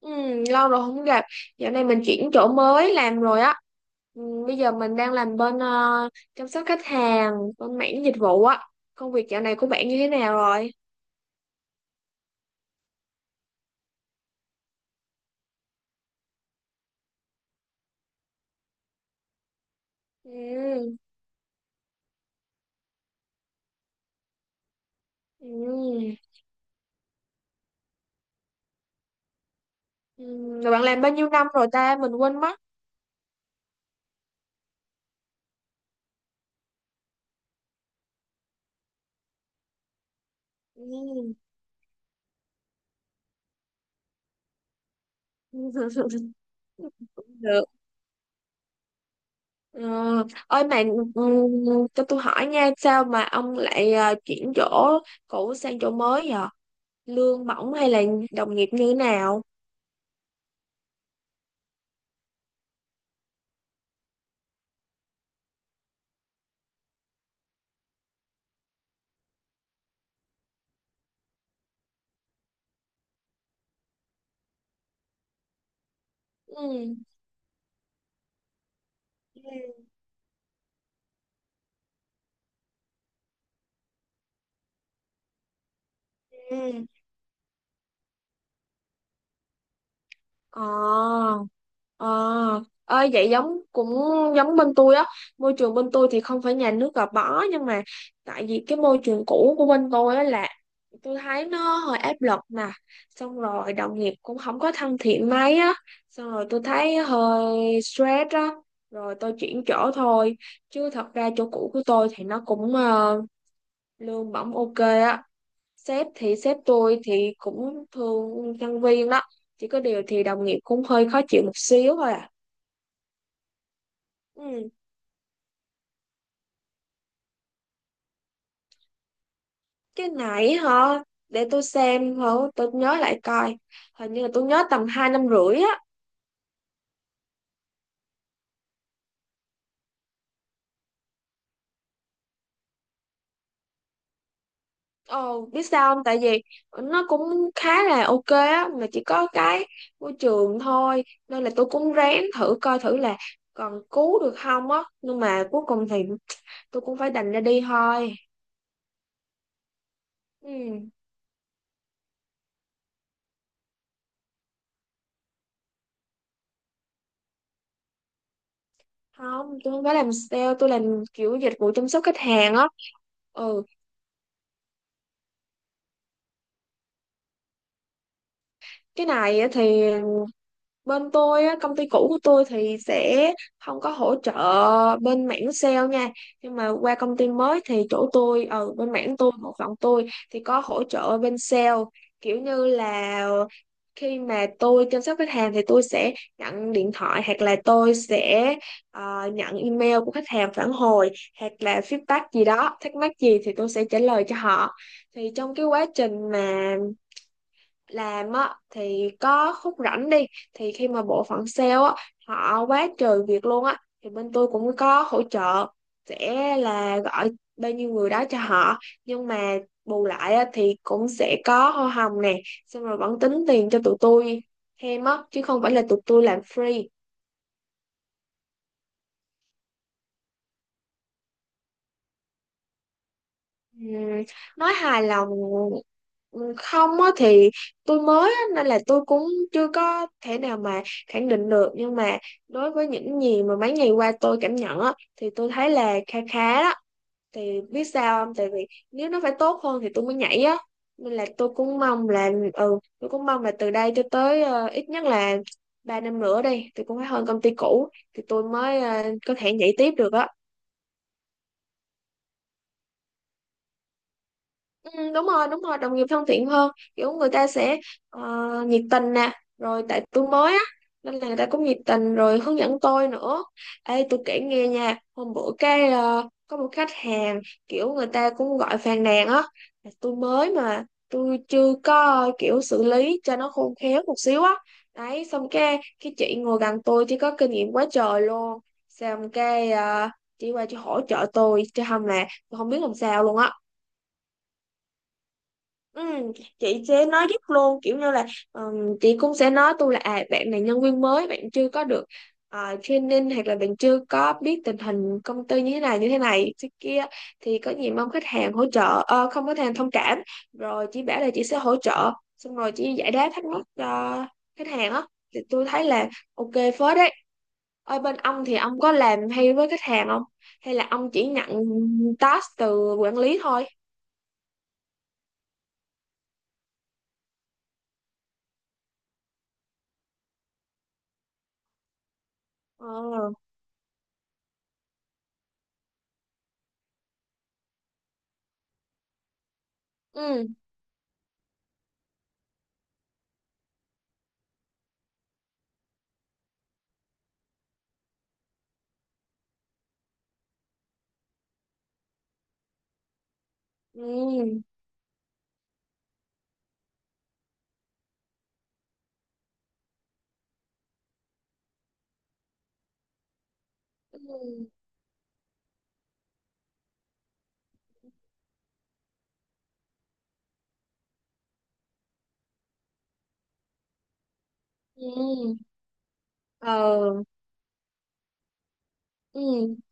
Ừ, lâu rồi không gặp. Dạo này mình chuyển chỗ mới làm rồi á. Ừ, bây giờ mình đang làm bên chăm sóc khách hàng, bên mảng dịch vụ á. Công việc dạo này của bạn như thế nào rồi? Ừ, ừ, ừ. Rồi bạn làm bao nhiêu năm rồi ta? Mình quên mất. Ừ. Cũng được. Ờ, ơi mà ừ, cho tôi hỏi nha, sao mà ông lại chuyển chỗ cũ sang chỗ mới vậy? Lương bổng hay là đồng nghiệp như thế nào? Ừ. Ừ. Ờ, ờ, ơi vậy giống giống bên tôi á. Môi trường bên tôi thì không phải nhà nước gò bó, nhưng mà tại vì cái môi trường cũ của bên tôi á là tôi thấy nó hơi áp lực nè, xong rồi đồng nghiệp cũng không có thân thiện mấy á, xong rồi tôi thấy hơi stress á, rồi tôi chuyển chỗ thôi. Chứ thật ra chỗ cũ của tôi thì nó cũng lương bổng ok á, sếp thì sếp tôi thì cũng thương nhân viên đó, chỉ có điều thì đồng nghiệp cũng hơi khó chịu một xíu thôi à. Ừ. Cái nãy hả, để tôi xem hả, tôi nhớ lại coi, hình như là tôi nhớ tầm hai năm rưỡi á. Ồ biết sao không, tại vì nó cũng khá là ok á, mà chỉ có cái môi trường thôi, nên là tôi cũng ráng thử coi thử là còn cứu được không á, nhưng mà cuối cùng thì tôi cũng phải đành ra đi thôi. Ừ. Không, tôi không phải làm sale, tôi làm kiểu dịch vụ chăm sóc khách hàng á. Ừ, cái này á thì bên tôi á, công ty cũ của tôi thì sẽ không có hỗ trợ bên mảng sale nha, nhưng mà qua công ty mới thì chỗ tôi ở bên mảng bộ phận tôi thì có hỗ trợ bên sale. Kiểu như là khi mà tôi chăm sóc khách hàng thì tôi sẽ nhận điện thoại, hoặc là tôi sẽ ờ, nhận email của khách hàng phản hồi, hoặc là feedback gì đó, thắc mắc gì thì tôi sẽ trả lời cho họ. Thì trong cái quá trình mà làm á thì có khúc rảnh đi, thì khi mà bộ phận sale á họ quá trời việc luôn á, thì bên tôi cũng có hỗ trợ, sẽ là gọi bao nhiêu người đó cho họ. Nhưng mà bù lại á, thì cũng sẽ có hoa hồng nè, xong rồi vẫn tính tiền cho tụi tôi thêm á, chứ không phải là tụi tôi làm free. Ừm, nói hài lòng, không á thì tôi mới á, nên là tôi cũng chưa có thể nào mà khẳng định được, nhưng mà đối với những gì mà mấy ngày qua tôi cảm nhận á thì tôi thấy là kha khá đó. Thì biết sao không, tại vì nếu nó phải tốt hơn thì tôi mới nhảy á, nên là tôi cũng mong là ừ tôi cũng mong là từ đây cho tới ít nhất là ba năm nữa đi, tôi cũng phải hơn công ty cũ thì tôi mới có thể nhảy tiếp được á. Ừ, đúng rồi đúng rồi, đồng nghiệp thân thiện hơn, kiểu người ta sẽ ờ, nhiệt tình nè, rồi tại tôi mới á nên là người ta cũng nhiệt tình rồi hướng dẫn tôi nữa. Ê tôi kể nghe nha, hôm bữa cái có một khách hàng kiểu người ta cũng gọi phàn nàn á, là tôi mới mà tôi chưa có kiểu xử lý cho nó khôn khéo một xíu á. Đấy xong cái chị ngồi gần tôi thì có kinh nghiệm quá trời luôn, xong cái chị qua chị hỗ trợ tôi chứ không là tôi không biết làm sao luôn á. Ừ, chị sẽ nói giúp luôn, kiểu như là chị cũng sẽ nói tôi là à bạn này nhân viên mới, bạn chưa có được training, hoặc là bạn chưa có biết tình hình công ty như thế này thế kia, thì có gì mong khách hàng hỗ trợ không có khách hàng thông cảm. Rồi chị bảo là chị sẽ hỗ trợ, xong rồi chị giải đáp thắc mắc cho khách hàng á. Thì tôi thấy là ok phết đấy. Ở bên ông thì ông có làm hay với khách hàng không, hay là ông chỉ nhận task từ quản lý thôi? Ờ. ừ ừ ừ ừ ờ ừ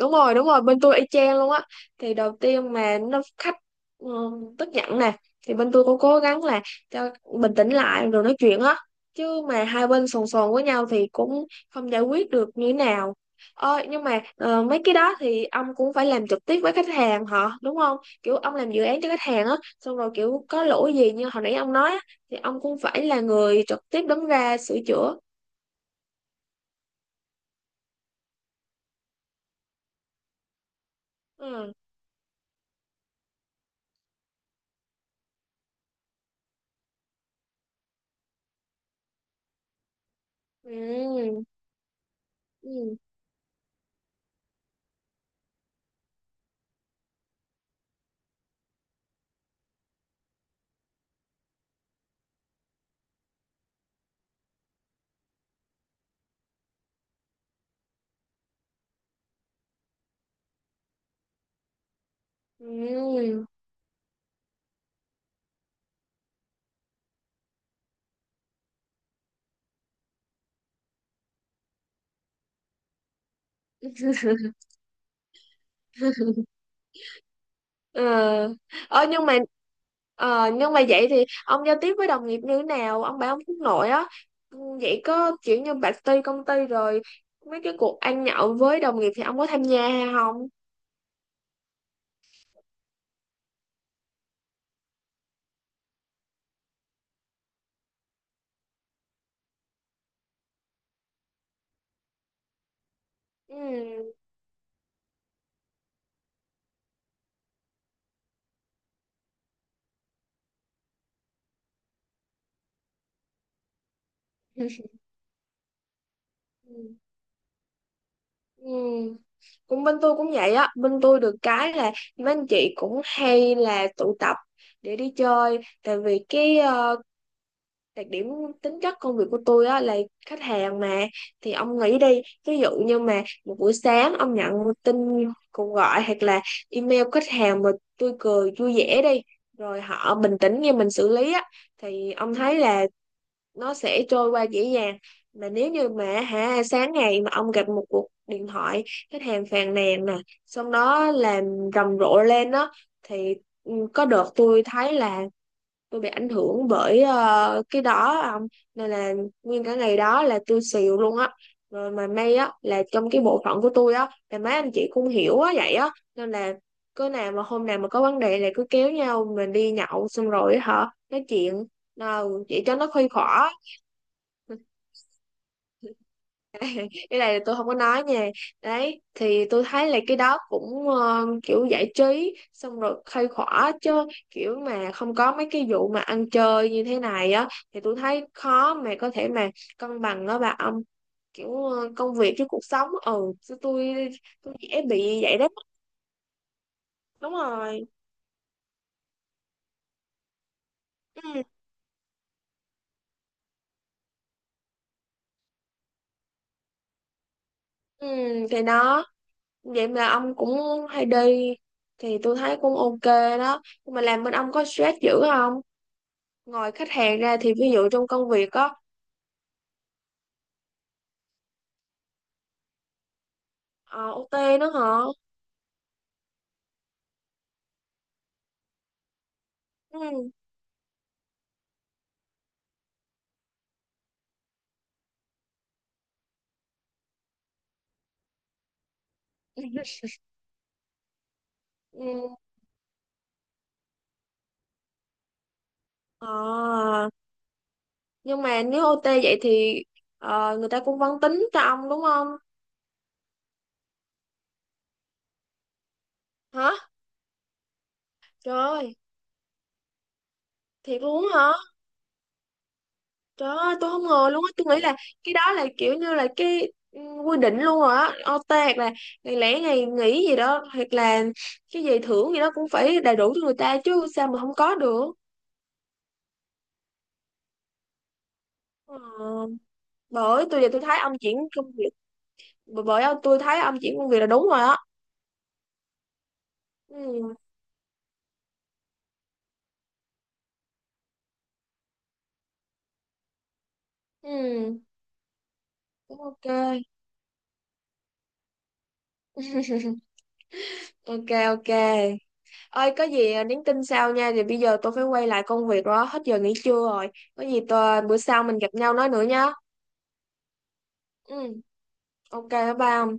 Đúng rồi đúng rồi, bên tôi y chang luôn á. Thì đầu tiên mà nó khách ừ, tức giận nè, thì bên tôi cũng cố gắng là cho bình tĩnh lại rồi nói chuyện á, chứ mà hai bên sồn sồn với nhau thì cũng không giải quyết được như thế nào. Mấy cái đó thì ông cũng phải làm trực tiếp với khách hàng họ đúng không? Kiểu ông làm dự án cho khách hàng á, xong rồi kiểu có lỗi gì như hồi nãy ông nói á, thì ông cũng phải là người trực tiếp đứng ra sửa chữa. ừ ừ ừ ừ ờ ờ nhưng mà nhưng mà vậy thì ông giao tiếp với đồng nghiệp như thế nào, ông bảo ông hướng nội á? Ừ, vậy có kiểu như bạch ti công ty rồi, mấy cái cuộc ăn nhậu với đồng nghiệp thì ông có tham gia hay không? ừ ừ ừ. Cũng bên tôi cũng vậy á, bên tôi được cái là mấy anh chị cũng hay là tụ tập để đi chơi. Tại vì cái đặc điểm tính chất công việc của tôi á là khách hàng mà, thì ông nghĩ đi, ví dụ như mà một buổi sáng ông nhận tin cuộc gọi hoặc là email khách hàng, mà tôi cười vui vẻ đi, rồi họ bình tĩnh như mình xử lý á, thì ông thấy là nó sẽ trôi qua dễ dàng. Mà nếu như mà hả sáng ngày mà ông gặp một cuộc điện thoại khách hàng phàn nàn nè, xong đó làm rầm rộ lên đó, thì ừ, có đợt tôi thấy là tôi bị ảnh hưởng bởi cái đó ông, nên là nguyên cả ngày đó là tôi xìu luôn á. Rồi mà may á là trong cái bộ phận của tôi á là mấy anh chị cũng hiểu á vậy á, nên là cứ nào mà hôm nào mà có vấn đề là cứ kéo nhau mình đi nhậu, xong rồi á hả nói chuyện nào vậy cho nó khuây khỏa. Cái này là tôi không có nói nha. Đấy thì tôi thấy là cái đó cũng kiểu giải trí xong rồi khai khỏa chứ, kiểu mà không có mấy cái vụ mà ăn chơi như thế này á thì tôi thấy khó mà có thể mà cân bằng đó bà ông. Kiểu công việc với cuộc sống, ừ chứ tôi dễ bị vậy đó. Đúng rồi, ừ. ừ thì đó, vậy mà ông cũng hay đi thì tôi thấy cũng ok đó. Nhưng mà làm bên ông có stress dữ không, ngoài khách hàng ra thì ví dụ trong công việc á? Ờ, OT nữa hả? Ừ. Ừ. Ờ, nhưng mà nếu OT vậy thì người ta cũng vẫn tính cho ông đúng không? Hả? Trời ơi, thiệt luôn á hả? Trời ơi, tôi không ngờ luôn á. Tôi nghĩ là cái đó là kiểu như là cái ừ, quy định luôn rồi á. OT hoặc là ngày lẻ ngày nghỉ gì đó, hoặc là cái gì thưởng gì đó cũng phải đầy đủ cho người ta chứ, sao mà không có được. Ờ, bởi tôi giờ tôi thấy ông chuyển công việc bởi bởi tôi thấy ông chuyển công việc là đúng rồi á. Ừ. Ừ. Cũng ok. Ok ok. Ơi có gì à, nhắn tin sau nha, thì bây giờ tôi phải quay lại công việc rồi, hết giờ nghỉ trưa rồi. Có gì tôi, bữa sau mình gặp nhau nói nữa nhá. Ừ, ok bye bye ông.